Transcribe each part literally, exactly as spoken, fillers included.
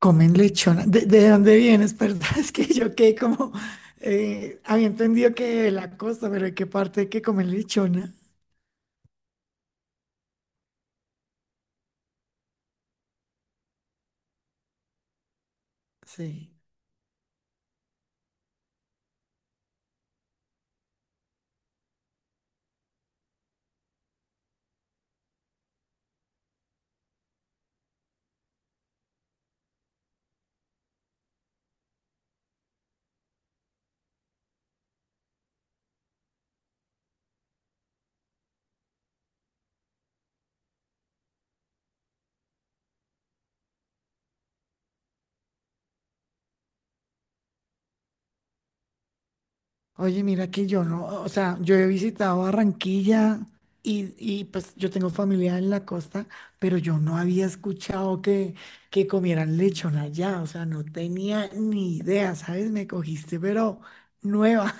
Comen lechona. ¿De, de dónde vienes? Perdón, es que yo quedé como... eh, había entendido que de la costa, pero ¿de qué parte que comen lechona? Sí. Oye, mira que yo no... O sea, yo he visitado Barranquilla y, y pues yo tengo familia en la costa, pero yo no había escuchado que, que comieran lechona allá. O sea, no tenía ni idea, ¿sabes? Me cogiste, pero nueva.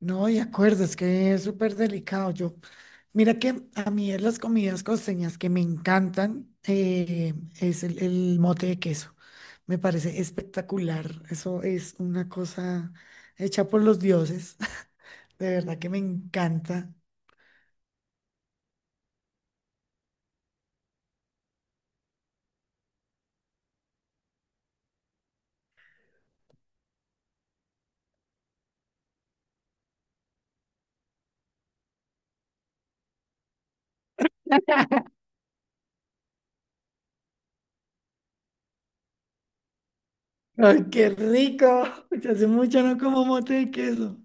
No, de acuerdo, es que es súper delicado. Yo, mira que a mí de las comidas costeñas que me encantan eh, es el, el mote de queso. Me parece espectacular. Eso es una cosa hecha por los dioses. De verdad que me encanta. ¡Ay, qué rico! Ya hace mucho no como mote de queso.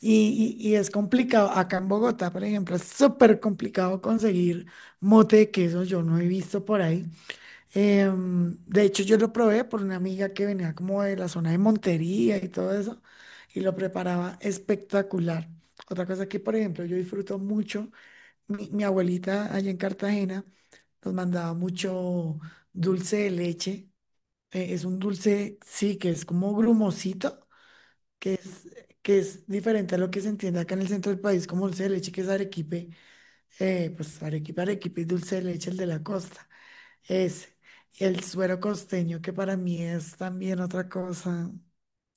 Y, y- y es complicado. Acá en Bogotá, por ejemplo, es súper complicado conseguir mote de queso. Yo no he visto por ahí. Em, de hecho, yo lo probé por una amiga que venía como de la zona de Montería y todo eso, y lo preparaba espectacular. Otra cosa que, por ejemplo, yo disfruto mucho, mi, mi abuelita allá en Cartagena nos mandaba mucho dulce de leche. Eh, es un dulce, sí, que es como grumosito, que es, que es diferente a lo que se entiende acá en el centro del país como dulce de leche, que es arequipe, eh, pues arequipe, arequipe y dulce de leche, el de la costa. Es el suero costeño, que para mí es también otra cosa.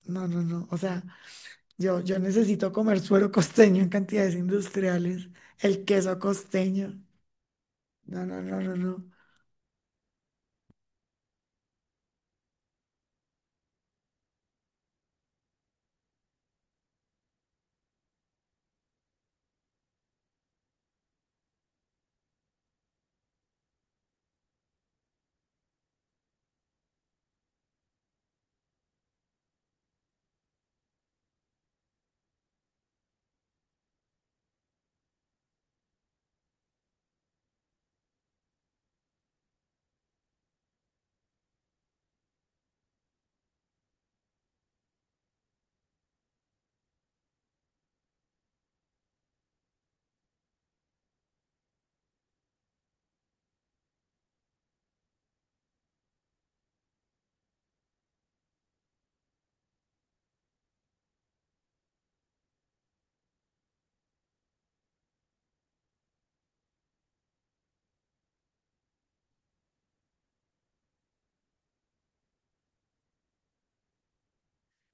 No, no, no. O sea, yo, yo necesito comer suero costeño en cantidades industriales. El queso costeño. No, no, no, no, no.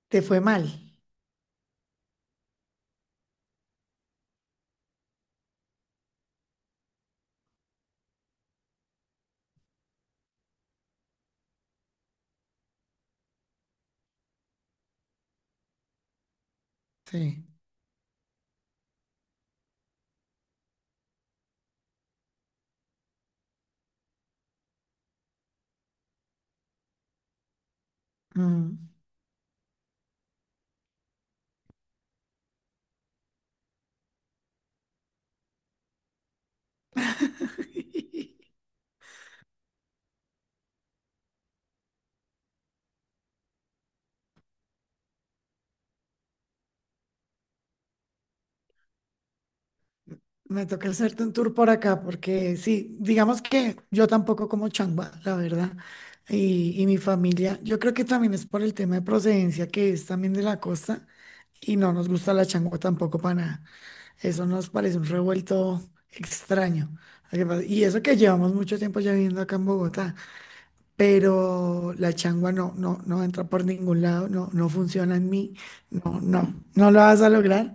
Te fue mal. Sí. Mm. Me toca hacerte un tour por acá, porque sí, digamos que yo tampoco como changua, la verdad, y, y mi familia, yo creo que también es por el tema de procedencia, que es también de la costa, y no nos gusta la changua tampoco para nada. Eso nos parece un revuelto extraño. Lo que pasa- Y eso que llevamos mucho tiempo ya viviendo acá en Bogotá, pero la changua no, no, no entra por ningún lado, no, no funciona en mí, no, no, no lo vas a lograr.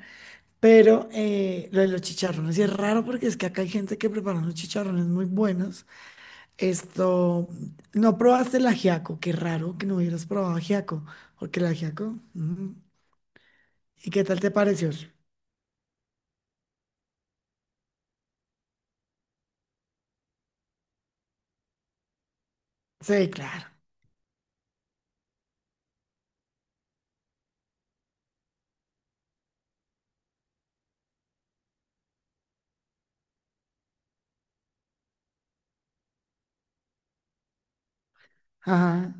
Pero eh, lo de los chicharrones y es raro porque es que acá hay gente que prepara unos chicharrones muy buenos. Esto, no probaste el ajiaco, qué raro que no hubieras probado ajiaco, porque el ajiaco, mm, ¿y qué tal te pareció? Sí, claro. Ajá.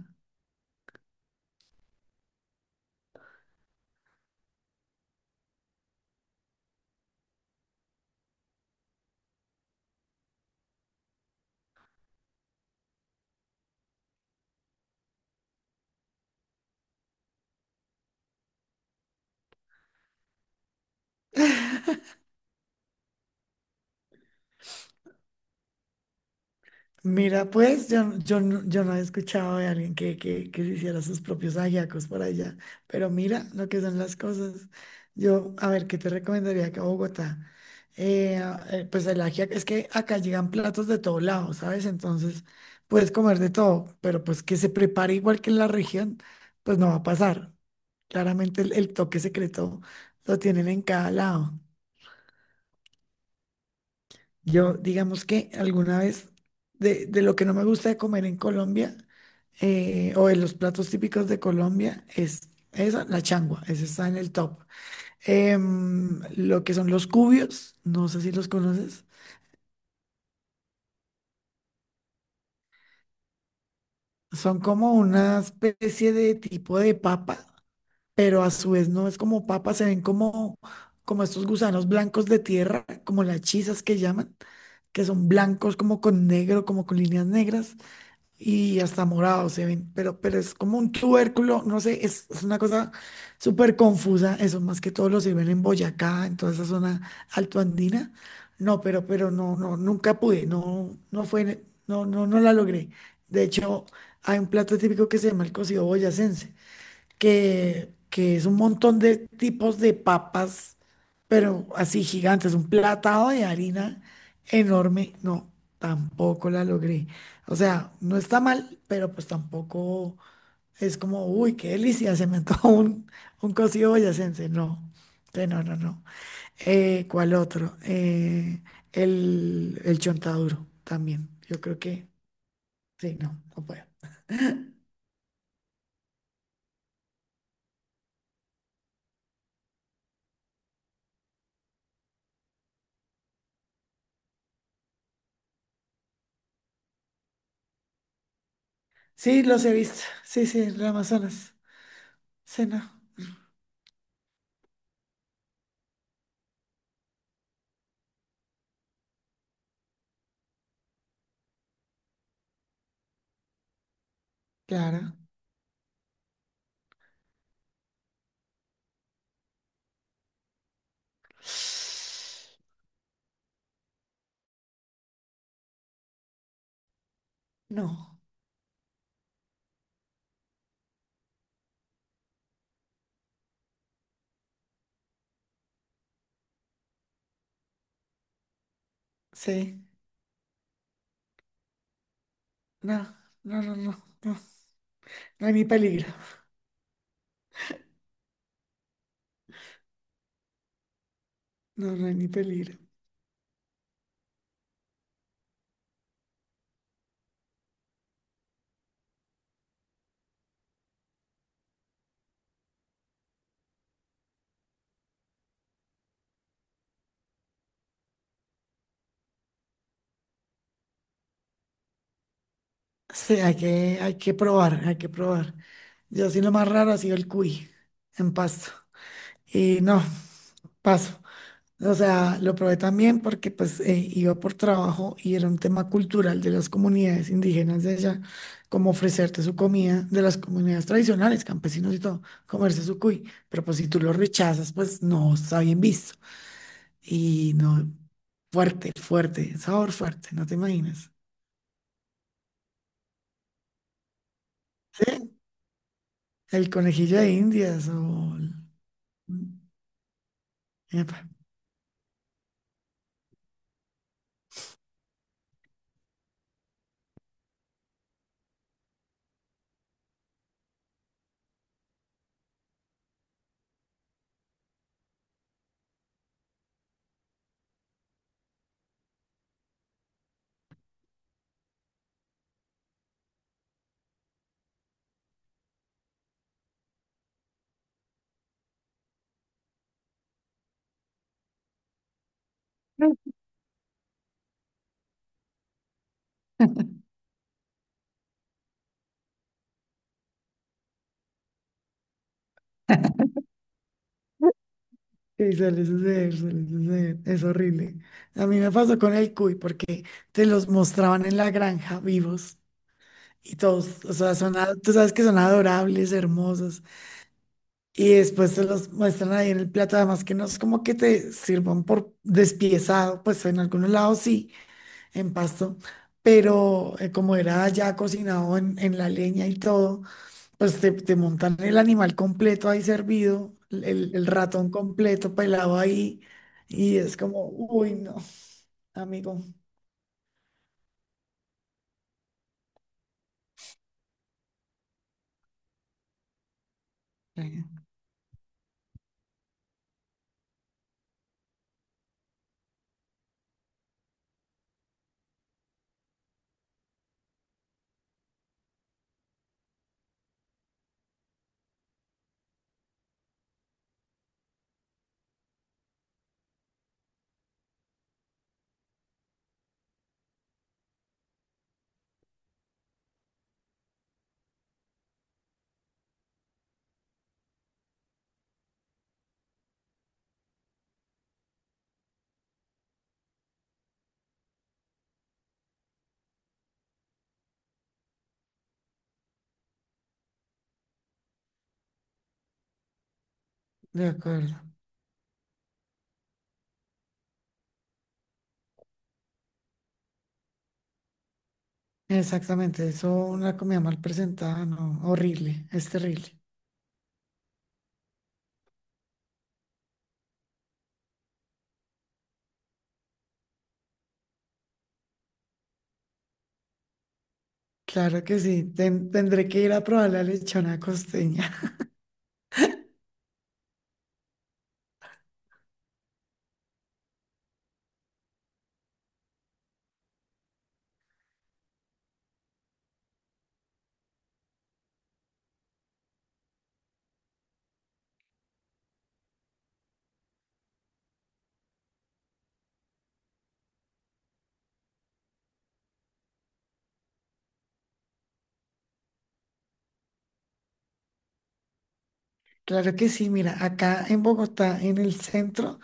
Mira, pues yo, yo, no- yo no he escuchado de alguien que, que, que se hiciera sus propios ajiacos por allá, pero mira lo que son las cosas. Yo, a ver, ¿qué te recomendaría acá a Bogotá? Eh, eh, pues el ajiaco, es que acá llegan platos de todo lado, ¿sabes? Entonces puedes comer de todo, pero pues que se prepare igual que en la región, pues no va a pasar. Claramente el, el toque secreto lo tienen en cada lado. Yo, digamos que alguna vez, de, de lo que no me gusta de comer en Colombia, eh, o de los platos típicos de Colombia, es esa, la changua, esa está en el top. Em, lo que son los cubios, no sé si los conoces, son como una especie de tipo de papa, pero a su vez no es como papa, se ven como, como estos gusanos blancos de tierra, como las chisas que llaman, que son blancos como con negro, como con líneas negras y hasta morado se ven, pero, pero es como un tubérculo, no sé, es, es una cosa súper confusa, eso más que todo lo sirven en Boyacá, en toda esa zona altoandina. No, pero, pero no, no, nunca pude, no, no fue, no, no, no la logré. De hecho, hay un plato típico que se llama el cocido boyacense que, que es un montón de tipos de papas, pero así gigantes, un platado de harina enorme. No, tampoco la logré. O sea, no está mal, pero pues tampoco es como, uy, qué delicia, se me antojó un, un cocido boyacense. No, que no, no, no. Eh, ¿cuál otro? Eh, el, el chontaduro también. Yo creo que, sí, no, no puedo. Sí, los he visto. Sí, sí, el Amazonas. Sí, no. Claro. No, sí, no, no, no, no, no, no hay ni peligro, no, no hay ni peligro. Sí, hay que, hay que probar, hay que probar. Yo sí lo más raro ha sido el cuy en Pasto. Y no, paso. O sea, lo probé también porque pues eh, iba por trabajo y era un tema cultural de las comunidades indígenas de allá, como ofrecerte su comida de las comunidades tradicionales, campesinos y todo, comerse su cuy. Pero pues si tú lo rechazas, pues no está bien visto. Y no, fuerte, fuerte, sabor fuerte, no te imaginas. ¿Sí? ¿El conejillo de Indias o... el- mm, Epa, sí, suele suceder, suele suceder, es horrible. A mí me pasó con el cuy porque te los mostraban en la granja vivos y todos, o sea, son, a- tú sabes que son adorables, hermosos. Y después te los muestran ahí en el plato, además que no es como que te sirvan por despiezado, pues en algunos lados sí en pasto, pero eh, como era ya cocinado en, en la leña y todo, pues te, te montan el animal completo ahí servido, el, el ratón completo pelado ahí, y es como, uy, no, amigo, eh, de acuerdo. Exactamente, eso una comida mal presentada, no, horrible, es terrible. Claro que sí, ten- tendré que ir a probar la lechona costeña. Claro que sí, mira, acá en Bogotá, en el centro,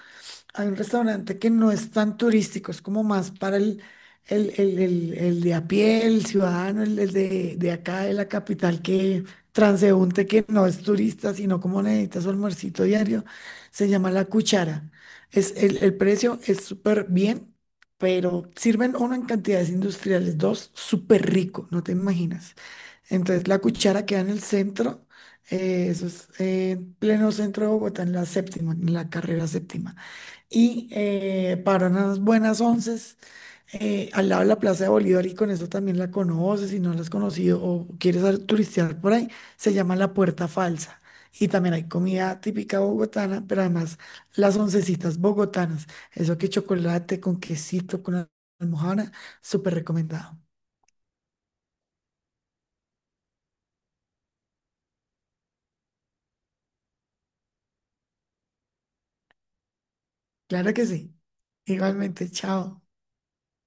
hay un restaurante que no es tan turístico, es como más para el, el, el- el- el de a pie, el ciudadano, el, el de, de acá, de la capital, que transeúnte que no es turista, sino como necesita su almuercito diario. Se llama La Cuchara. Es, el, el precio es súper bien, pero sirven uno en cantidades industriales, dos, súper rico, no te imaginas. Entonces, La Cuchara queda en el centro. eh, eso es eh, en pleno centro de Bogotá, en la séptima, en la carrera séptima y eh, para unas buenas onces eh, al lado de la Plaza de Bolívar y con eso también la conoces, si no la has conocido o quieres ar- turistear por ahí, se llama La Puerta Falsa. Y también hay comida típica bogotana, pero además las oncecitas bogotanas, eso que chocolate con quesito, con almohada, súper recomendado. Claro que sí. Igualmente, chao.